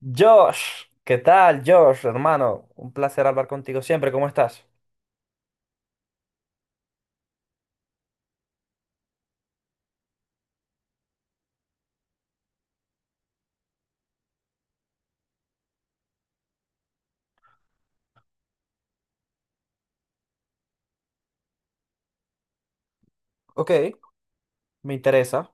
Josh, ¿qué tal, Josh, hermano? Un placer hablar contigo siempre, ¿cómo estás? Ok, me interesa.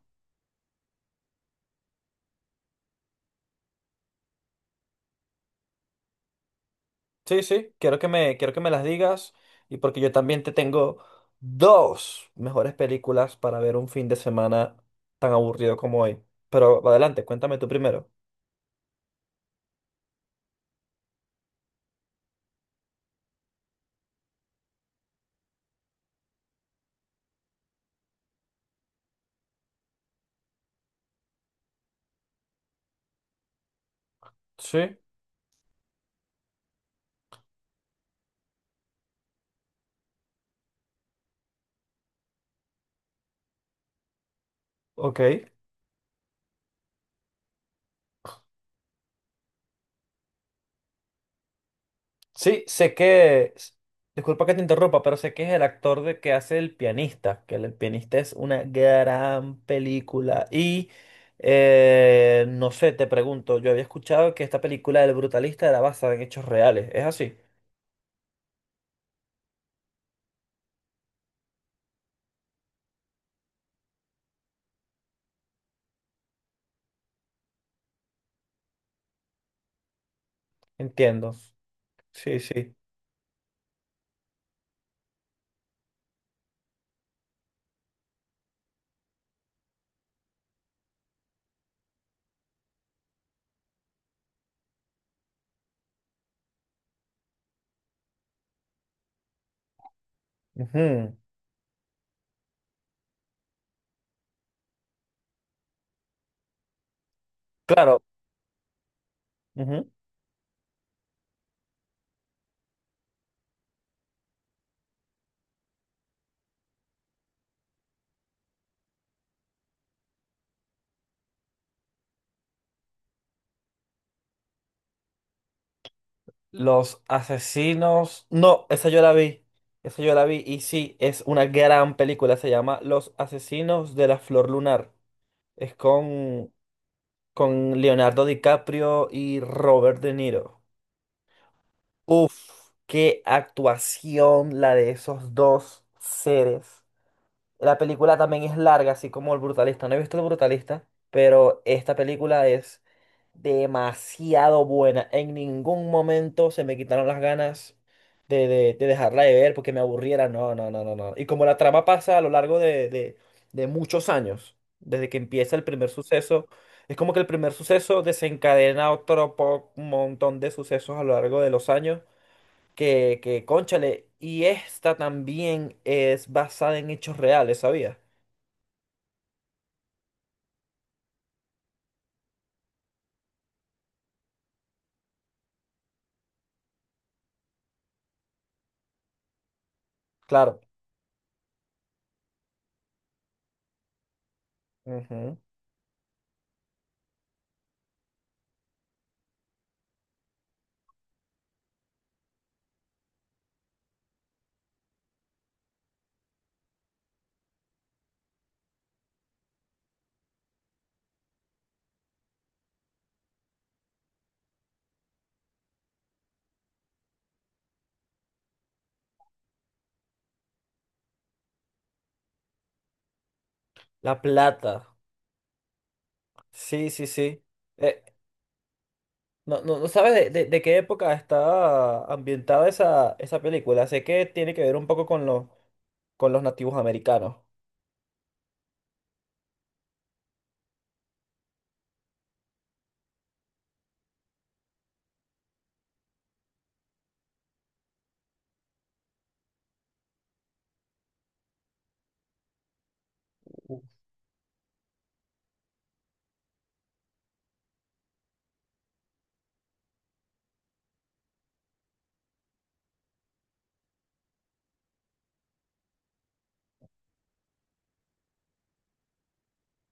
Sí, sí, quiero que me las digas y porque yo también te tengo dos mejores películas para ver un fin de semana tan aburrido como hoy. Pero adelante, cuéntame tú primero. Sí, ok. Sí, sé que, disculpa que te interrumpa, pero sé que es el actor de que hace El pianista, que El pianista es una gran película. Y no sé, te pregunto, yo había escuchado que esta película del brutalista era basada en hechos reales, ¿es así? Entiendo. Sí, sí. Ujú. Claro. Ujú. Los asesinos. No, esa yo la vi. Esa yo la vi. Y sí, es una gran película. Se llama Los asesinos de la flor lunar. Es con Leonardo DiCaprio y Robert De Niro. Uf, qué actuación la de esos dos seres. La película también es larga, así como El Brutalista. No he visto El Brutalista, pero esta película es demasiado buena. En ningún momento se me quitaron las ganas de dejarla de ver porque me aburriera. No, no, no, no, no. Y como la trama pasa a lo largo de muchos años, desde que empieza el primer suceso, es como que el primer suceso desencadena otro montón de sucesos a lo largo de los años que cónchale, y esta también es basada en hechos reales, ¿sabías? Claro. Ujú. La Plata. Sí, sí, sí. Eh, no sabes de qué época está ambientada esa película. Sé que tiene que ver un poco con los nativos americanos.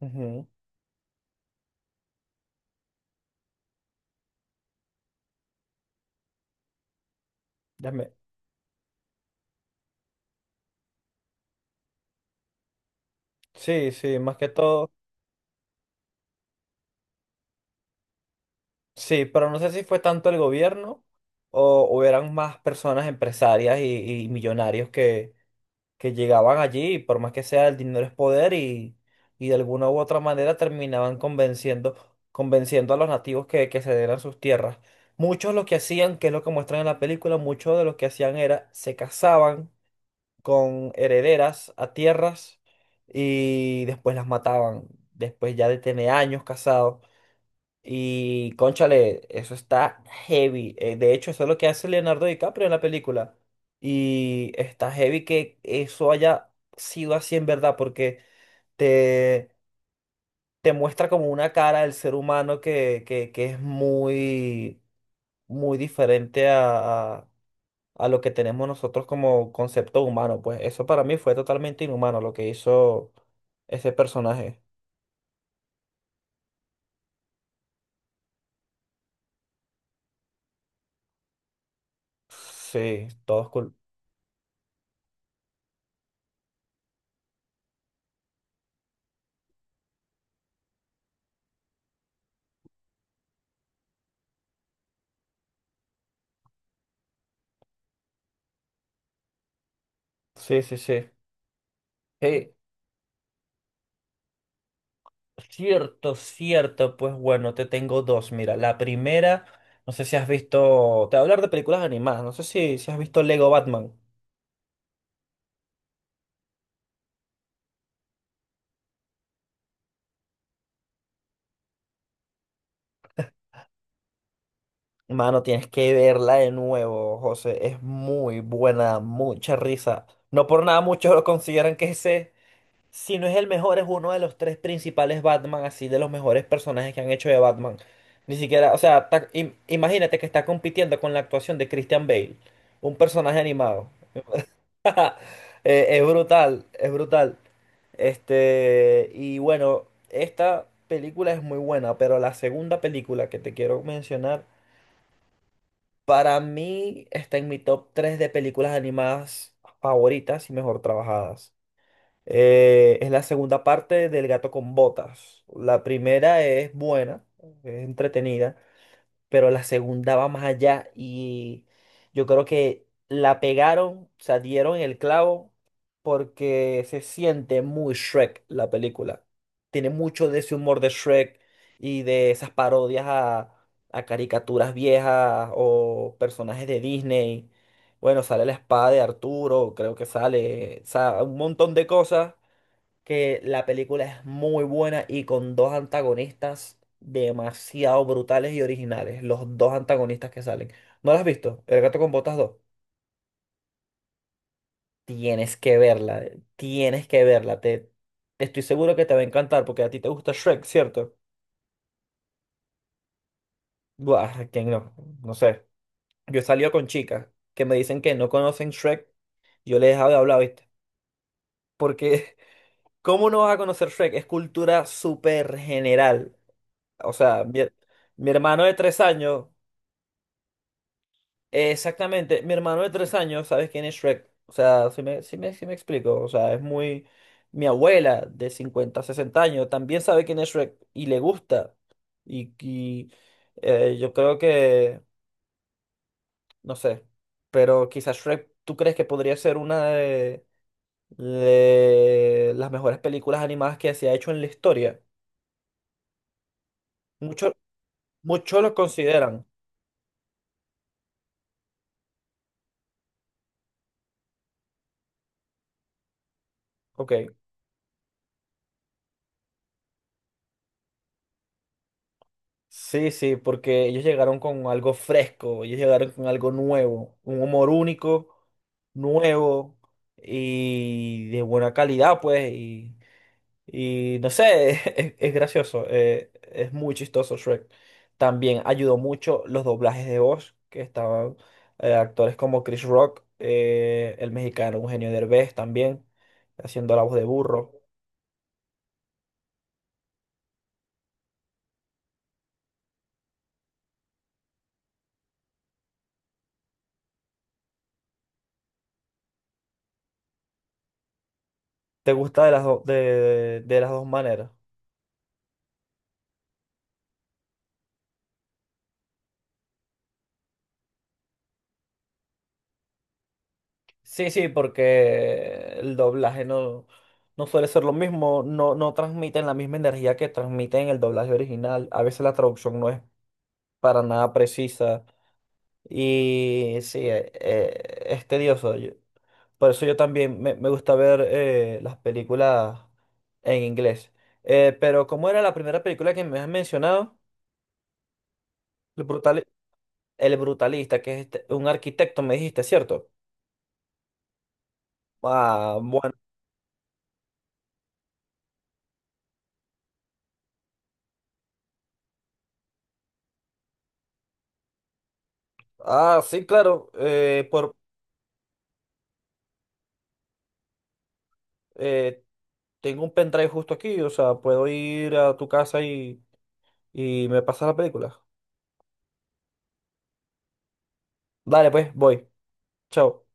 Ujú. Déjame- Sí, sí, más que todo. Sí, pero no sé si fue tanto el gobierno o eran más personas empresarias y millonarios que llegaban allí, por más que sea, el dinero es poder y de alguna u otra manera terminaban convenciendo, convenciendo a los nativos que cedieran sus tierras. Muchos lo que hacían, que es lo que muestran en la película, muchos de los que hacían era se casaban con herederas a tierras y después las mataban, después ya de tener años casados. Y cónchale, eso está heavy. De hecho, eso es lo que hace Leonardo DiCaprio en la película. Y está heavy que eso haya sido así en verdad, porque te, te muestra como una cara del ser humano que es muy, muy diferente a lo que tenemos nosotros como concepto humano. Pues eso para mí fue totalmente inhumano lo que hizo ese personaje. Sí, Sí, sí, sí. Sí, cierto, cierto, pues bueno, te tengo dos. Mira, la primera, no sé si has visto, te voy a hablar de películas animadas, no sé si has visto Lego Batman. Mano, tienes que verla de nuevo, José, es muy buena, mucha risa. No por nada muchos lo consideran que ese, si no es el mejor, es uno de los tres principales Batman, así de los mejores personajes que han hecho de Batman. Ni siquiera, o sea, imagínate que está compitiendo con la actuación de Christian Bale, un personaje animado. Es brutal, es brutal. Y bueno, esta película es muy buena, pero la segunda película que te quiero mencionar, para mí está en mi top 3 de películas animadas favoritas y mejor trabajadas. Es la segunda parte del Gato con Botas. La primera es buena, es entretenida, pero la segunda va más allá y yo creo que la pegaron, o sea, dieron el clavo porque se siente muy Shrek la película. Tiene mucho de ese humor de Shrek y de esas parodias a caricaturas viejas o personajes de Disney. Bueno, sale la espada de Arturo, creo que sale, o sea, un montón de cosas que la película es muy buena y con dos antagonistas demasiado brutales y originales. Los dos antagonistas que salen. ¿No la has visto? El gato con botas dos. Tienes que verla, tienes que verla. Estoy seguro que te va a encantar porque a ti te gusta Shrek, ¿cierto? Buah, ¿quién no? No sé. Yo he salido con chicas que me dicen que no conocen Shrek. Yo les he dejado de hablar, ¿viste? Porque, ¿cómo no vas a conocer Shrek? Es cultura súper general. O sea, mi hermano de 3 años. Exactamente, mi hermano de tres años, ¿sabes quién es Shrek? O sea, si me explico, o sea, es muy... Mi abuela de 50, 60 años también sabe quién es Shrek y le gusta. Y, y, yo creo que, no sé, pero quizás Shrek, ¿tú crees que podría ser una de las mejores películas animadas que se ha hecho en la historia? Muchos muchos lo consideran, ok. Sí, sí, porque ellos llegaron con algo fresco, ellos llegaron con algo nuevo, un humor único, nuevo y de buena calidad, pues, y no sé, es gracioso, es muy chistoso Shrek. También ayudó mucho los doblajes de voz, que estaban actores como Chris Rock, el mexicano Eugenio Derbez también, haciendo la voz de burro. ¿Te gusta de las, do- de las dos maneras? Sí, sí, porque el doblaje no, no, suele ser lo mismo, no transmiten la misma energía que transmiten en el doblaje original. A veces la traducción no es para nada precisa y sí, es tedioso. Por eso yo también me gusta ver las películas en inglés. Pero ¿cómo era la primera película que me has mencionado? El brutal, El Brutalista, que es un arquitecto, me dijiste, ¿cierto? Ah, bueno. Ah, sí, claro. Eh, Tengo un pendrive justo aquí, o sea, puedo ir a tu casa y me pasas la película. Dale, pues, voy. Chao.